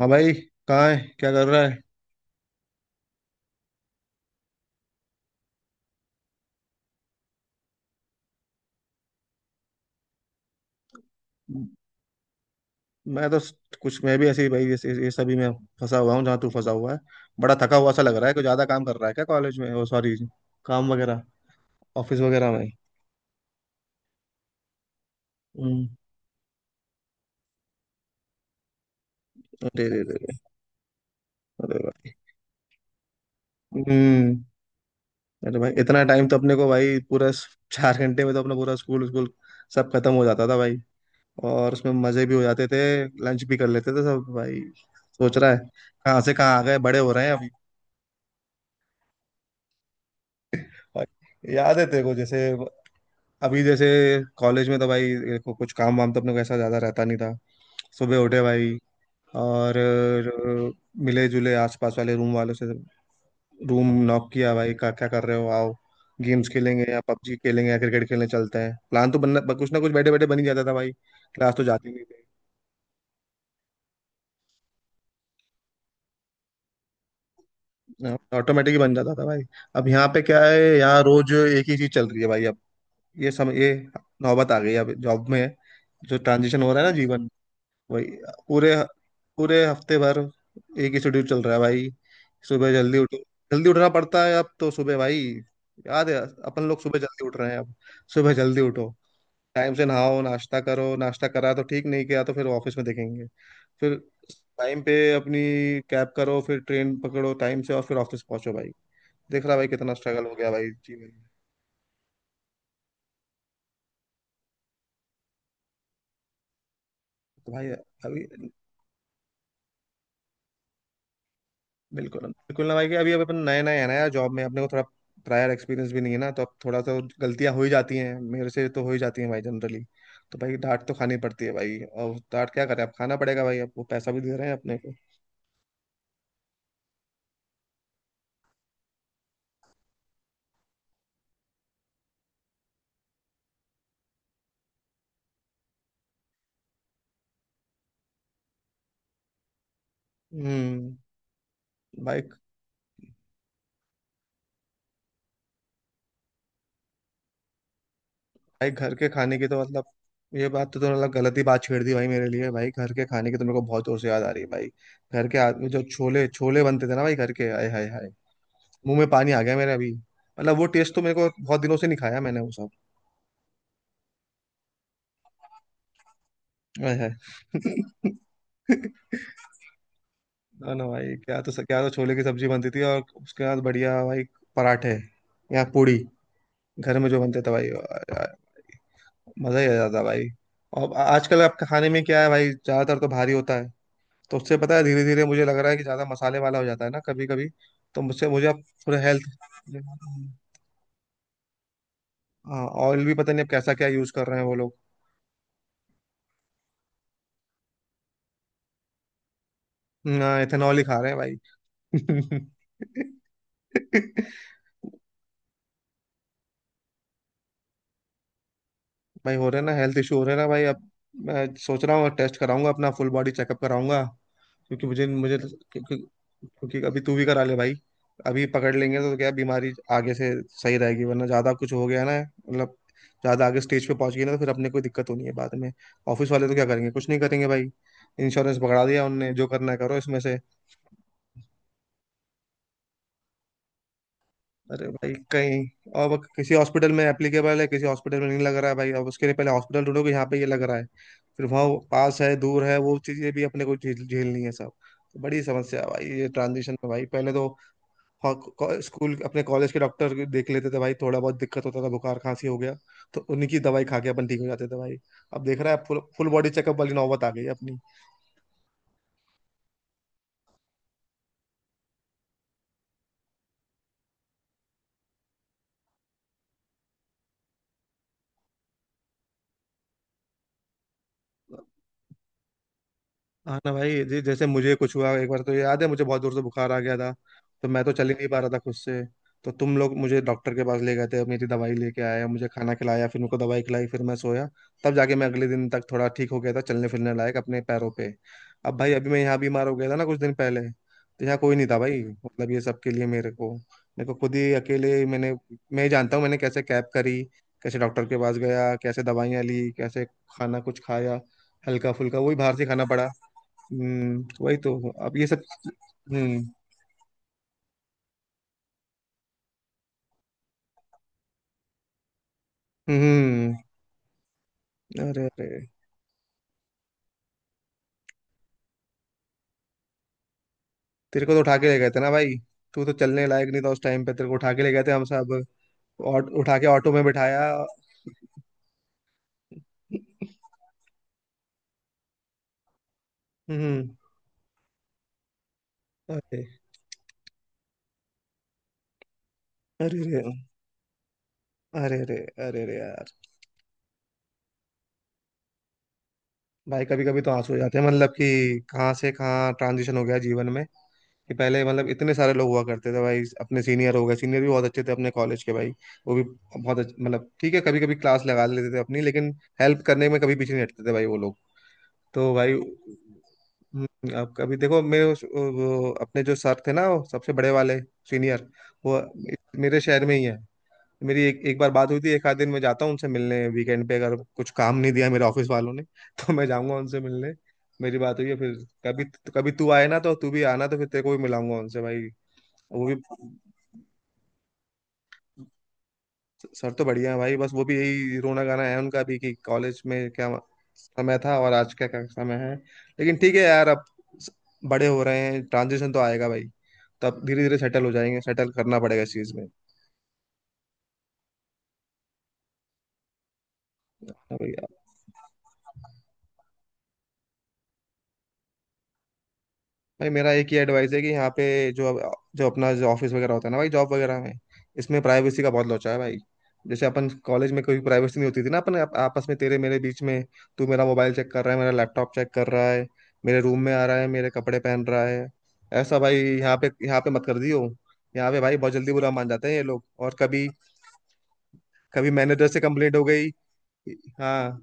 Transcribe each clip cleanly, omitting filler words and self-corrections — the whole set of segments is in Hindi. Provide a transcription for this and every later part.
हाँ भाई। कहाँ है, क्या कर रहा है? मैं तो स- कुछ मैं भी ऐसे ही भाई, ऐसे ये सभी में फंसा हुआ हूँ जहाँ तू फंसा हुआ है। बड़ा थका हुआ सा लग रहा है, कोई ज्यादा काम कर रहा है क्या कॉलेज में? ओ सॉरी, काम वगैरह, ऑफिस वगैरह में। हम्म, अरे अरे अरे, अरे अरे भाई। हम्म। अरे भाई, इतना टाइम तो अपने को भाई पूरा चार घंटे में तो अपना पूरा स्कूल स्कूल सब खत्म हो जाता था भाई। और उसमें मजे भी हो जाते थे। लंच भी कर लेते थे सब भाई। सोच रहा है, कहाँ से कहाँ आ गए, बड़े हो रहे हैं अभी। भाई, याद है तेरे को? जैसे अभी जैसे कॉलेज में तो भाई देखो, कुछ काम वाम तो अपने को ऐसा ज्यादा रहता नहीं था। सुबह उठे भाई और मिले जुले आसपास वाले रूम वालों से। रूम नॉक किया भाई, क्या क्या कर रहे हो, आओ, गेम्स खेलेंगे या पबजी खेलेंगे या क्रिकेट खेलने चलते हैं। प्लान तो बनना, कुछ ना कुछ बैठे बैठे बन ही जाता था भाई। क्लास तो जाते नहीं थे। ऑटोमेटिक ही बन जाता था भाई। अब यहाँ पे क्या है, यहाँ रोज एक ही चीज चल रही है भाई अब। ये समय ये नौबत आ गई है, अब जॉब में है, जो ट्रांजिशन हो रहा है ना जीवन, वही। पूरे पूरे हफ्ते भर एक ही शेड्यूल चल रहा है भाई। सुबह जल्दी उठो। जल्दी उठना पड़ता है अब तो सुबह भाई। याद है अपन लोग, सुबह जल्दी उठ रहे हैं अब। सुबह जल्दी उठो, टाइम से नहाओ, नाश्ता करो। नाश्ता करा तो ठीक, नहीं किया तो फिर ऑफिस में देखेंगे। फिर टाइम पे अपनी कैब करो, फिर ट्रेन पकड़ो टाइम से, और फिर ऑफिस पहुंचो भाई। देख रहा भाई, कितना स्ट्रगल हो गया भाई जीवन में। तो भाई अभी बिल्कुल बिल्कुल ना भाई, कि अभी अभी अपन नए नए हैं ना यार जॉब में, अपने को थोड़ा प्रायर एक्सपीरियंस भी नहीं है ना, तो अब थोड़ा सा गलतियां हो ही जाती हैं, मेरे से तो हो ही जाती हैं भाई जनरली। तो भाई डांट तो खानी पड़ती है भाई। और डांट क्या करें, अब खाना पड़ेगा भाई, अब वो पैसा भी दे रहे हैं अपने को। हम्म। भाई, भाई घर के खाने की तो मतलब, ये बात तो तुमने मतलब गलत ही बात छेड़ दी भाई मेरे लिए। भाई घर के खाने की तो मेरे को बहुत जोर से याद आ रही है भाई। घर के आदमी जो छोले छोले बनते थे ना भाई घर के, हाय हाय हाय, मुंह में पानी आ गया मेरे अभी। मतलब वो टेस्ट तो मेरे को, बहुत दिनों से नहीं खाया मैंने वो सब। ओए है। ना ना भाई, क्या तो, क्या तो छोले की सब्जी बनती थी और उसके बाद बढ़िया भाई पराठे या पूड़ी घर में जो बनते थे भाई यार, मजा ही आ जाता भाई। और आजकल आपके खाने में क्या है भाई, ज्यादातर तो भारी होता है, तो उससे पता है धीरे धीरे मुझे लग रहा है कि ज्यादा मसाले वाला हो जाता है ना कभी कभी। तो मुझसे मुझे अब थोड़ा हेल्थ। हाँ, ऑयल भी पता नहीं अब कैसा क्या यूज कर रहे हैं वो लोग, ना इथेनॉल ही खा रहे हैं भाई। भाई हो रहे ना हेल्थ इशू, हो रहे ना भाई अब। मैं सोच रहा हूँ टेस्ट कराऊंगा अपना, फुल बॉडी चेकअप कराऊंगा। क्योंकि मुझे मुझे तो, क्योंकि, क्योंकि अभी तू भी करा ले भाई। अभी पकड़ लेंगे तो क्या बीमारी आगे से सही रहेगी, वरना ज्यादा कुछ हो गया ना मतलब, ज्यादा आगे स्टेज पे पहुंच गई ना तो फिर अपने कोई दिक्कत होनी है बाद में। ऑफिस वाले तो क्या करेंगे, कुछ नहीं करेंगे भाई। इंश्योरेंस पकड़ा दिया उनने, जो करना है करो इसमें से। अरे भाई, कहीं अब किसी हॉस्पिटल में एप्लीकेबल है, किसी हॉस्पिटल में नहीं लग रहा है भाई। अब उसके लिए पहले हॉस्पिटल ढूंढो कि यहाँ पे ये लग रहा है, फिर वहाँ वो पास है दूर है, वो चीज़ें भी अपने को झेलनी है सब। तो बड़ी समस्या है भाई ये ट्रांजिशन में भाई। पहले तो हो- स्कूल अपने कॉलेज के डॉक्टर देख लेते थे भाई, थोड़ा बहुत दिक्कत होता था बुखार खांसी हो गया, तो उन्हीं की दवाई खा के अपन ठीक हो जाते थे भाई। अब देख रहा है, फुल फुल बॉडी चेकअप वाली नौबत आ गई है अपनी। हाँ ना भाई जी, जैसे मुझे कुछ हुआ एक बार तो याद है, मुझे बहुत जोर से बुखार आ गया था, तो मैं तो चल ही नहीं पा रहा था खुद से। तो तुम लोग मुझे डॉक्टर के पास ले गए थे, मेरी दवाई लेके आया, मुझे खाना खिलाया, फिर मुझको दवाई खिलाई, फिर मैं सोया। तब जाके मैं अगले दिन तक थोड़ा ठीक हो गया था, चलने फिरने लायक अपने पैरों पे। अब भाई, अभी मैं यहाँ बीमार हो गया था ना कुछ दिन पहले, तो यहाँ कोई नहीं था भाई, मतलब ये सब के लिए मेरे को, मेरे को खुद ही अकेले मैंने, मैं ही जानता हूँ मैंने कैसे कैब करी, कैसे डॉक्टर के पास गया, कैसे दवाइयाँ ली, कैसे खाना कुछ खाया, हल्का फुल्का वही बाहर से खाना पड़ा। हम्म, वही तो। अब ये सब। हम्म। हम्म। अरे अरे, तेरे को तो उठा के ले गए थे ना भाई, तू तो चलने लायक नहीं था उस टाइम पे, तेरे को उठा के ले गए थे हम सब और उठा के ऑटो में बिठाया। हम्म। अरे अरे, अरे अरे, अरे अरे अरे यार, भाई कभी कभी तो आंसू हो जाते हैं, मतलब कि कहाँ से कहाँ ट्रांजिशन हो गया जीवन में। कि पहले मतलब इतने सारे लोग हुआ करते थे भाई, अपने सीनियर हो गए, सीनियर भी बहुत अच्छे थे अपने कॉलेज के भाई। वो भी बहुत अच्छे, मतलब ठीक है कभी कभी क्लास लगा लेते थे अपनी, लेकिन हेल्प करने में कभी पीछे नहीं हटते थे भाई वो लोग। तो भाई अब कभी देखो मेरे अपने जो सर थे ना वो सबसे बड़े वाले सीनियर, वो मेरे शहर में ही है। मेरी एक एक बार बात हुई थी, एक आध दिन मैं जाता हूँ उनसे मिलने वीकेंड पे, अगर कुछ काम नहीं दिया मेरे ऑफिस वालों ने तो मैं जाऊंगा उनसे मिलने। मेरी बात हुई है फिर कभी, कभी तू आए ना तो तू भी आना, तो फिर तेरे को भी मिलाऊंगा उनसे भाई। वो भी, सर तो बढ़िया है भाई, बस वो भी यही रोना गाना है उनका भी, कि कॉलेज में क्या समय था और आज क्या क्या समय है। लेकिन ठीक है यार, अब स- बड़े हो रहे हैं, ट्रांजिशन तो आएगा भाई। तो अब धीरे धीरे सेटल हो जाएंगे, सेटल करना पड़ेगा इस चीज में। भाई मेरा एक ही एडवाइस है कि यहाँ पे जो, जो अपना जो ऑफिस वगैरह होता है ना भाई जॉब वगैरह में, इसमें प्राइवेसी का बहुत लोचा है भाई। जैसे अपन कॉलेज में कोई प्राइवेसी नहीं होती थी ना अपन आपस में तेरे मेरे बीच में, तू मेरा मोबाइल चेक कर रहा है, मेरा लैपटॉप चेक कर रहा है, मेरे रूम में आ रहा है, मेरे कपड़े पहन रहा है, ऐसा भाई यहाँ पे, यहाँ पे मत कर दियो। यहाँ पे भाई बहुत जल्दी बुरा मान जाते हैं ये लोग, और कभी कभी मैनेजर से कंप्लेंट हो गई। हाँ।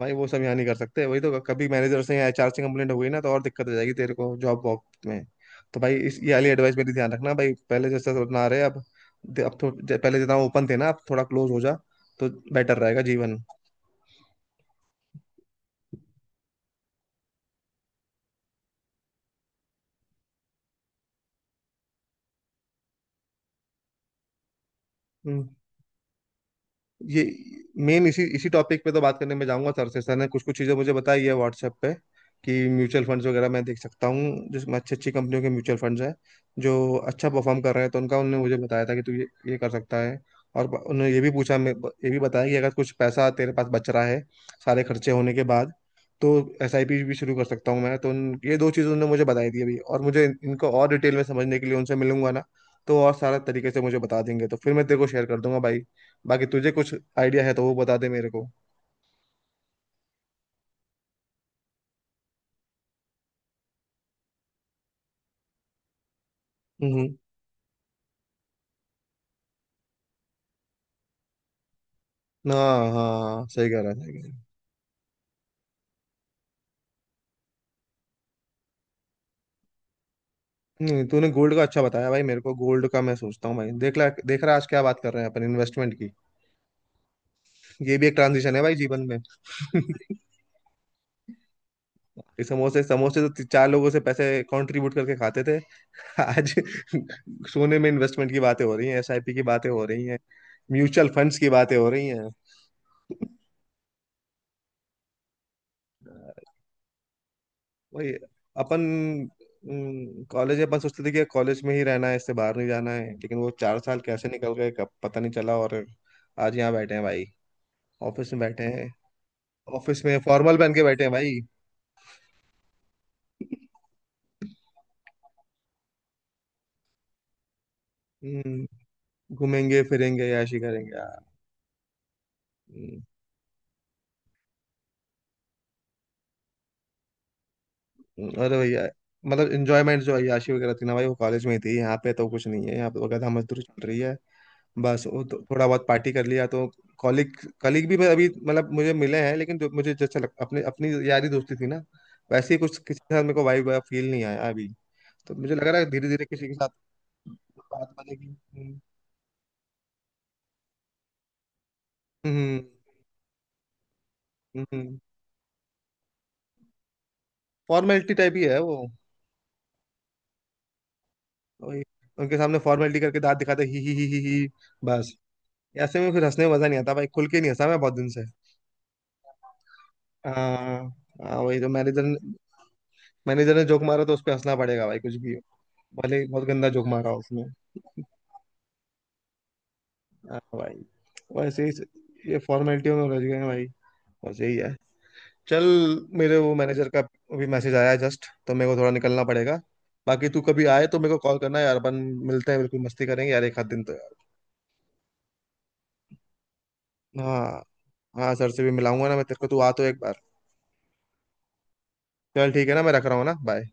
भाई वो सब यहाँ नहीं कर सकते, वही तो, कभी मैनेजर से या एचआर से कंप्लेंट हो गई ना तो और दिक्कत हो जाएगी तेरे को जॉब वॉब में। तो भाई इस, ये वाली एडवाइस मेरी ध्यान रखना भाई, पहले जैसा सब ना रहे अब। दे- अब तो ज- पहले जितना ओपन थे ना अब थोड़ा क्लोज हो जा, तो बेटर रहेगा जीवन। हम्म। ये मेन इसी इसी टॉपिक पे तो बात करने में जाऊंगा सर से। सर ने कुछ कुछ चीज़ें मुझे बताई है व्हाट्सएप पे, कि म्यूचुअल फंड्स वगैरह मैं देख सकता हूँ, जिसमें अच्छी अच्छी कंपनियों के म्यूचुअल फंड्स हैं जो अच्छा परफॉर्म कर रहे हैं, तो उनका, उन्होंने मुझे बताया था कि तू ये कर सकता है। और उन्होंने ये भी पूछा, मैं, ये भी बताया कि अगर कुछ पैसा तेरे पास बच रहा है सारे खर्चे होने के बाद, तो एस आई पी भी शुरू कर सकता हूँ मैं। तो ये दो चीज़ें उन्होंने मुझे बताई थी अभी, और मुझे इनको और डिटेल में समझने के लिए उनसे मिलूंगा ना, तो और सारा तरीके से मुझे बता देंगे, तो फिर मैं तेरे को शेयर कर दूंगा भाई। बाकी तुझे कुछ आइडिया है तो वो बता दे मेरे को। हम्म। हाँ हाँ, सही कह रहा है, सही कह रहा है। नहीं तूने गोल्ड का अच्छा बताया भाई, मेरे को गोल्ड का मैं सोचता हूँ भाई। देख ला, देख रहा है, आज क्या बात कर रहे हैं अपन इन्वेस्टमेंट की, ये भी एक ट्रांजिशन है भाई जीवन में। ये समोसे समोसे तो चार लोगों से पैसे कंट्रीब्यूट करके खाते थे। आज सोने में इन्वेस्टमेंट की बातें हो रही हैं, एसआईपी की बातें हो रही हैं, म्यूचुअल फंड्स की बातें हो रही हैं। वही अपन, कॉलेज, अपन सोचते थे कि कॉलेज में ही रहना है, इससे बाहर नहीं जाना है, लेकिन वो चार साल कैसे निकल गए कब पता नहीं चला, और आज यहाँ बैठे हैं भाई, ऑफिस में बैठे हैं, ऑफिस में फॉर्मल पहन के बैठे हैं भाई। हम्म, घूमेंगे फिरेंगे, याशी करेंगे यार। हम्म। अरे भैया, मतलब इंजॉयमेंट जो है, याशी वगैरह थी ना भाई, वो कॉलेज में ही थी, यहाँ पे तो कुछ नहीं है, यहाँ पे तो गधा मजदूरी चल रही है, बस। वो तो थोड़ा बहुत पार्टी कर लिया, तो कॉलिग कॉलिग भी मैं अभी मतलब मुझे मिले हैं, लेकिन जो मुझे जैसा लग, अपने अपनी यारी दोस्ती थी ना, वैसे ही कुछ किसी के साथ मेरे को वाइब फील नहीं आया अभी। तो मुझे लग रहा है धीरे धीरे किसी के साथ बात बनेगी। हम्म। हम्म। हम्म। फॉर्मेलिटी टाइप ही है वो। वही, उनके सामने फॉर्मेलिटी करके दांत दिखाते ही, बस। ऐसे में फिर हंसने में मजा नहीं आता भाई, खुल के नहीं हंसा मैं बहुत दिन से। हाँ। हाँ वही तो, मैंने इधर, मैनेजर ने जोक मारा तो उस पे हंसना पड़ेगा भाई, कुछ भी हो, भले ही बहुत गंदा जोक मारा उसने। हाँ भाई। वैसे ही ये फॉर्मेलिटियों में उलझ गए हैं भाई, बस यही है। चल, मेरे वो मैनेजर का अभी मैसेज आया है जस्ट, तो मेरे को थोड़ा निकलना पड़ेगा। बाकी तू कभी आए तो मेरे को कॉल करना यार, अपन मिलते हैं, बिल्कुल मस्ती करेंगे यार एक आध दिन तो यार। हाँ हाँ, सर से भी मिलाऊंगा ना मैं तेरे को, तू आ तो एक बार। चल ठीक है ना, मैं रख रहा हूँ ना, बाय।